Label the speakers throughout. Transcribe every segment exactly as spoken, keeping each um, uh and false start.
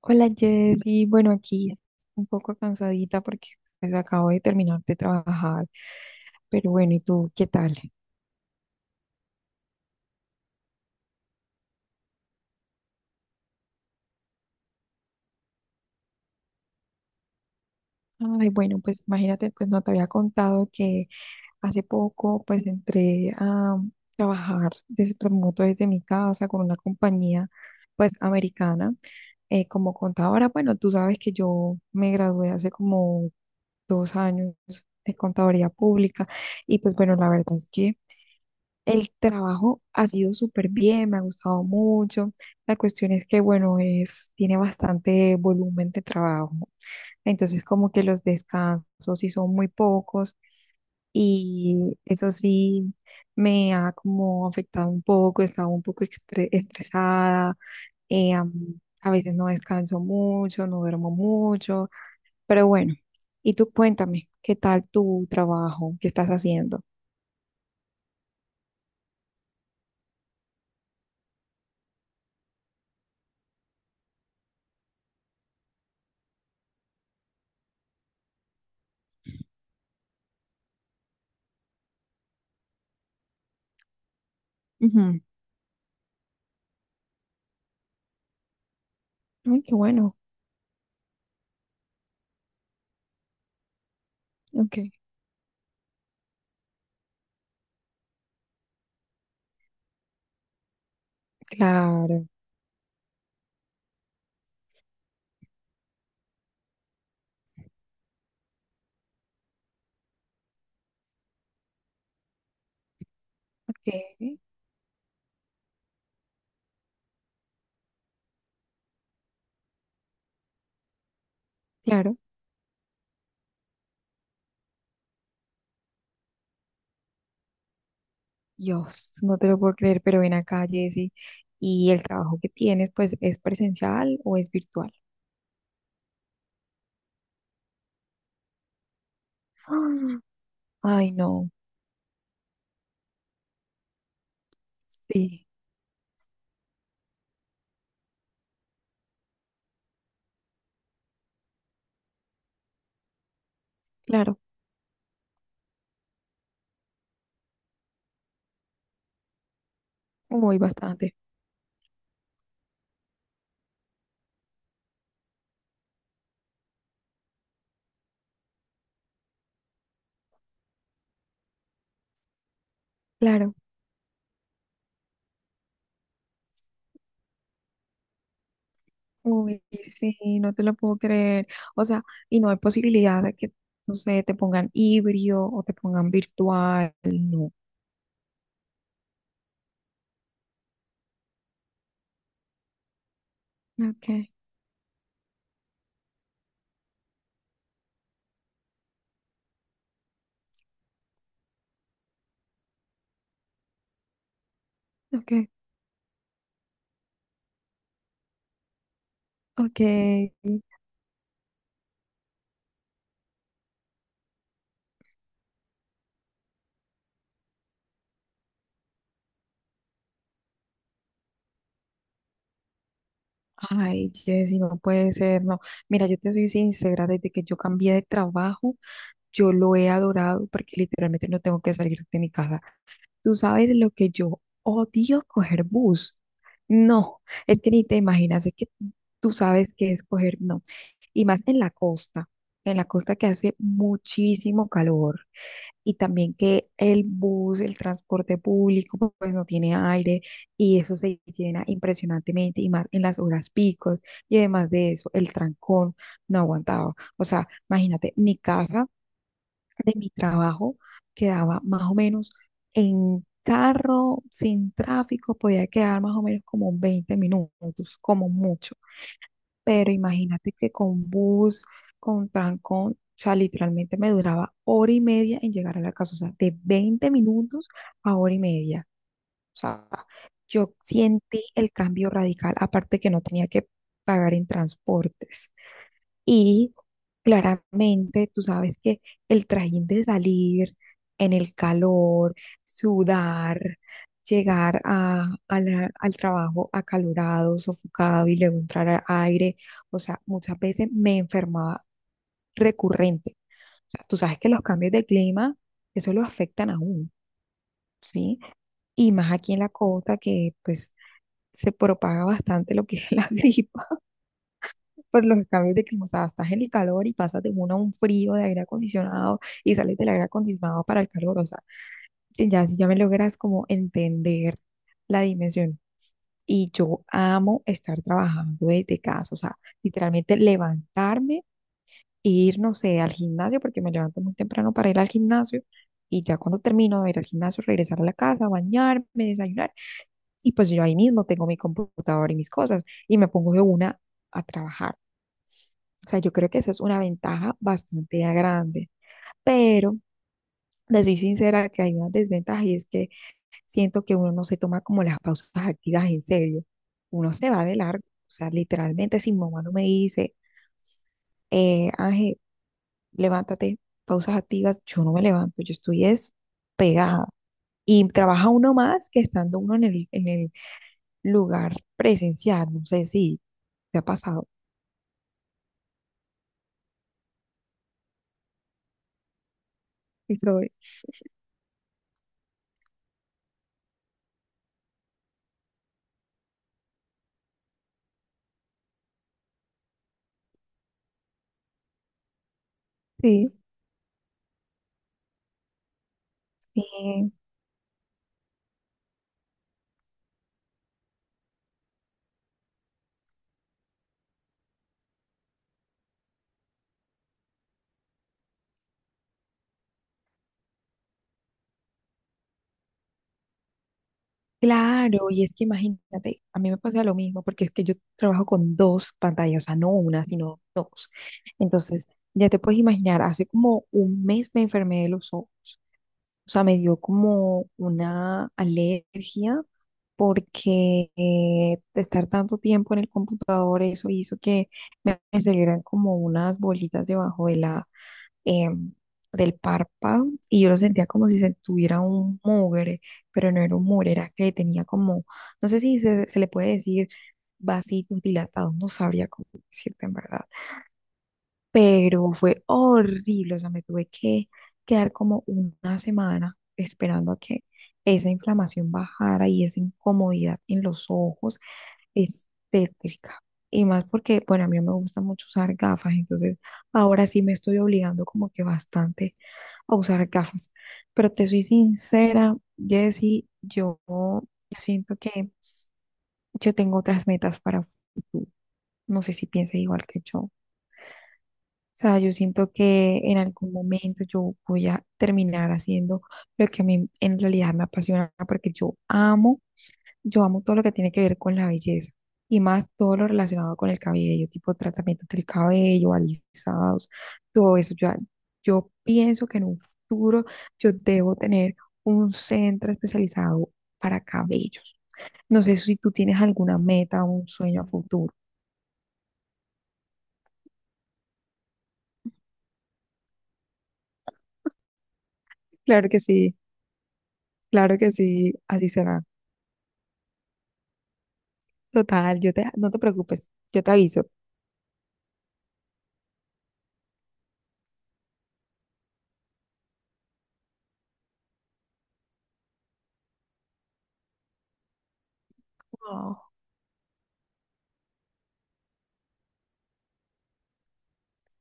Speaker 1: Hola Jessy, bueno aquí un poco cansadita porque pues acabo de terminar de trabajar, pero bueno, ¿y tú qué tal? Ay, bueno, pues imagínate, pues no te había contado que hace poco pues entré a trabajar desde remoto desde mi casa con una compañía pues americana, eh, como contadora. Bueno, tú sabes que yo me gradué hace como dos años de contaduría pública. Y pues bueno, la verdad es que el trabajo ha sido súper bien, me ha gustado mucho. La cuestión es que, bueno, es, tiene bastante volumen de trabajo. Entonces, como que los descansos sí son muy pocos y eso sí me ha como afectado un poco, he estado un poco estre- estresada, eh, am, a veces no descanso mucho, no duermo mucho, pero bueno, y tú cuéntame, ¿qué tal tu trabajo? ¿Qué estás haciendo? Ujú. Ay, qué bueno. Ok. Claro. Ok, claro. Dios, no te lo puedo creer, pero ven acá, Jessy. ¿Y el trabajo que tienes, pues, es presencial o es virtual? ¡Ah! Ay, no. Sí, claro. Uy, bastante. Claro. Uy, sí, no te lo puedo creer. O sea, y no hay posibilidad de que, no sé, te pongan híbrido o te pongan virtual. No. Okay, okay, okay. Ay, Jessy, no puede ser, no. Mira, yo te soy sincera, desde que yo cambié de trabajo, yo lo he adorado porque literalmente no tengo que salir de mi casa. Tú sabes lo que yo odio coger bus. No, es que ni te imaginas, es que tú sabes que es coger, no. Y más en la costa, en la costa que hace muchísimo calor y también que el bus, el transporte público, pu- pues no tiene aire y eso se llena impresionantemente y más en las horas picos y además de eso, el trancón no aguantaba. O sea, imagínate, mi casa de mi trabajo quedaba más o menos en carro, sin tráfico, podía quedar más o menos como veinte minutos, como mucho. Pero imagínate que con bus, con trancón, o sea, literalmente me duraba hora y media en llegar a la casa, o sea, de veinte minutos a hora y media. O sea, yo sentí el cambio radical, aparte que no tenía que pagar en transportes. Y claramente tú sabes que el trajín de salir en el calor, sudar, llegar a, a la- al trabajo acalorado, sofocado y luego entrar al aire, o sea, muchas veces me enfermaba recurrente. O sea, tú sabes que los cambios de clima, eso lo afectan a uno, ¿sí? Y más aquí en la costa que pues se propaga bastante lo que es la gripa por los cambios de clima. O sea, estás en el calor y pasas de uno a un frío de aire acondicionado y sales del aire acondicionado para el calor. O sea, si ya, si ya me logras como entender la dimensión. Y yo amo estar trabajando desde casa, o sea, literalmente levantarme e ir, no sé, al gimnasio, porque me levanto muy temprano para ir al gimnasio. Y ya cuando termino de ir al gimnasio, regresar a la casa, bañarme, desayunar. Y pues yo ahí mismo tengo mi computador y mis cosas y me pongo de una a trabajar. O sea, yo creo que esa es una ventaja bastante grande. Pero les soy sincera que hay una desventaja y es que siento que uno no se toma como las pausas activas en serio. Uno se va de largo. O sea, literalmente si mi mamá no me dice, eh, Ángel, levántate, pausas activas, yo no me levanto, yo estoy es pegada. Y trabaja uno más que estando uno en el, en el lugar presencial. No sé si te ha pasado. Sí, soy. Sí, sí, claro, y es que imagínate, a mí me pasa lo mismo, porque es que yo trabajo con dos pantallas, o sea, no una, sino dos. Entonces, ya te puedes imaginar, hace como un mes me enfermé de los ojos, o sea, me dio como una alergia, porque eh, de estar tanto tiempo en el computador, eso hizo que me salieran como unas bolitas debajo de la, em, del párpado y yo lo sentía como si se tuviera un mugre, pero no era un mugre, era que tenía como, no sé si se, se le puede decir vasitos dilatados, no sabría cómo decirte en verdad, pero fue horrible, o sea, me tuve que quedar como una semana esperando a que esa inflamación bajara y esa incomodidad en los ojos es tétrica. Y más porque, bueno, a mí no me gusta mucho usar gafas, entonces ahora sí me estoy obligando como que bastante a usar gafas. Pero te soy sincera, Jessy, yo, yo siento que yo tengo otras metas para futuro. No sé si piensas igual que yo. O sea, yo siento que en algún momento yo voy a terminar haciendo lo que a mí en realidad me apasiona, porque yo amo yo amo todo lo que tiene que ver con la belleza y más todo lo relacionado con el cabello, tipo tratamientos del cabello, alisados, todo eso. Yo, yo pienso que en un futuro yo debo tener un centro especializado para cabellos. No sé si tú tienes alguna meta o un sueño a futuro. Claro que sí, claro que sí, así será. Total, yo te, no te preocupes, yo te aviso. Wow,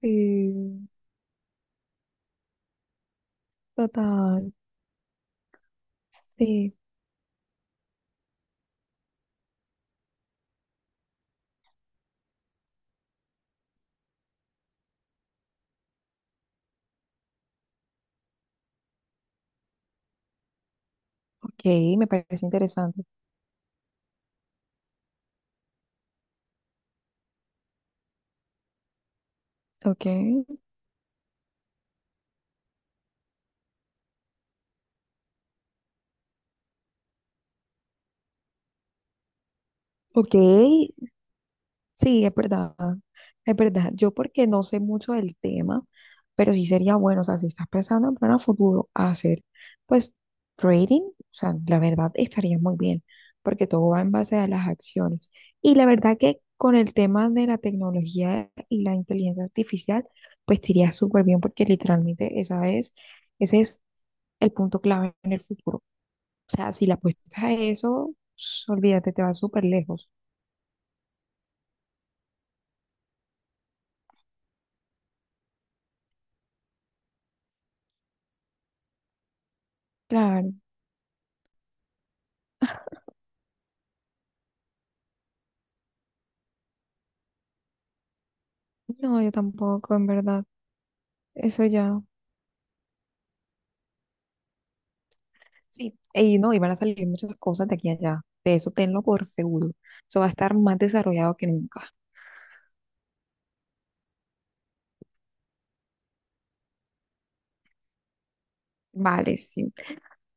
Speaker 1: sí, total, sí. Ok, me parece interesante. Ok. Ok, sí, es verdad, es verdad. Yo porque no sé mucho del tema, pero sí sería bueno, o sea, si estás pensando en plan a futuro, hacer pues trading, o sea, la verdad estaría muy bien, porque todo va en base a las acciones. Y la verdad que con el tema de la tecnología y la inteligencia artificial, pues te iría súper bien, porque literalmente esa es, ese es el punto clave en el futuro. O sea, si la apuestas a eso, olvídate, te vas súper lejos. Claro. No, yo tampoco, en verdad. Eso ya. Sí. Y no, y van a salir muchas cosas de aquí a allá. De eso tenlo por seguro. Eso va a estar más desarrollado que nunca. Vale, sí.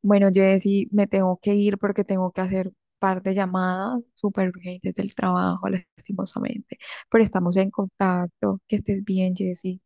Speaker 1: Bueno, yo sí me tengo que ir porque tengo que hacer par de llamadas súper urgentes del trabajo, lastimosamente. Pero estamos en contacto. Que estés bien, Jessy.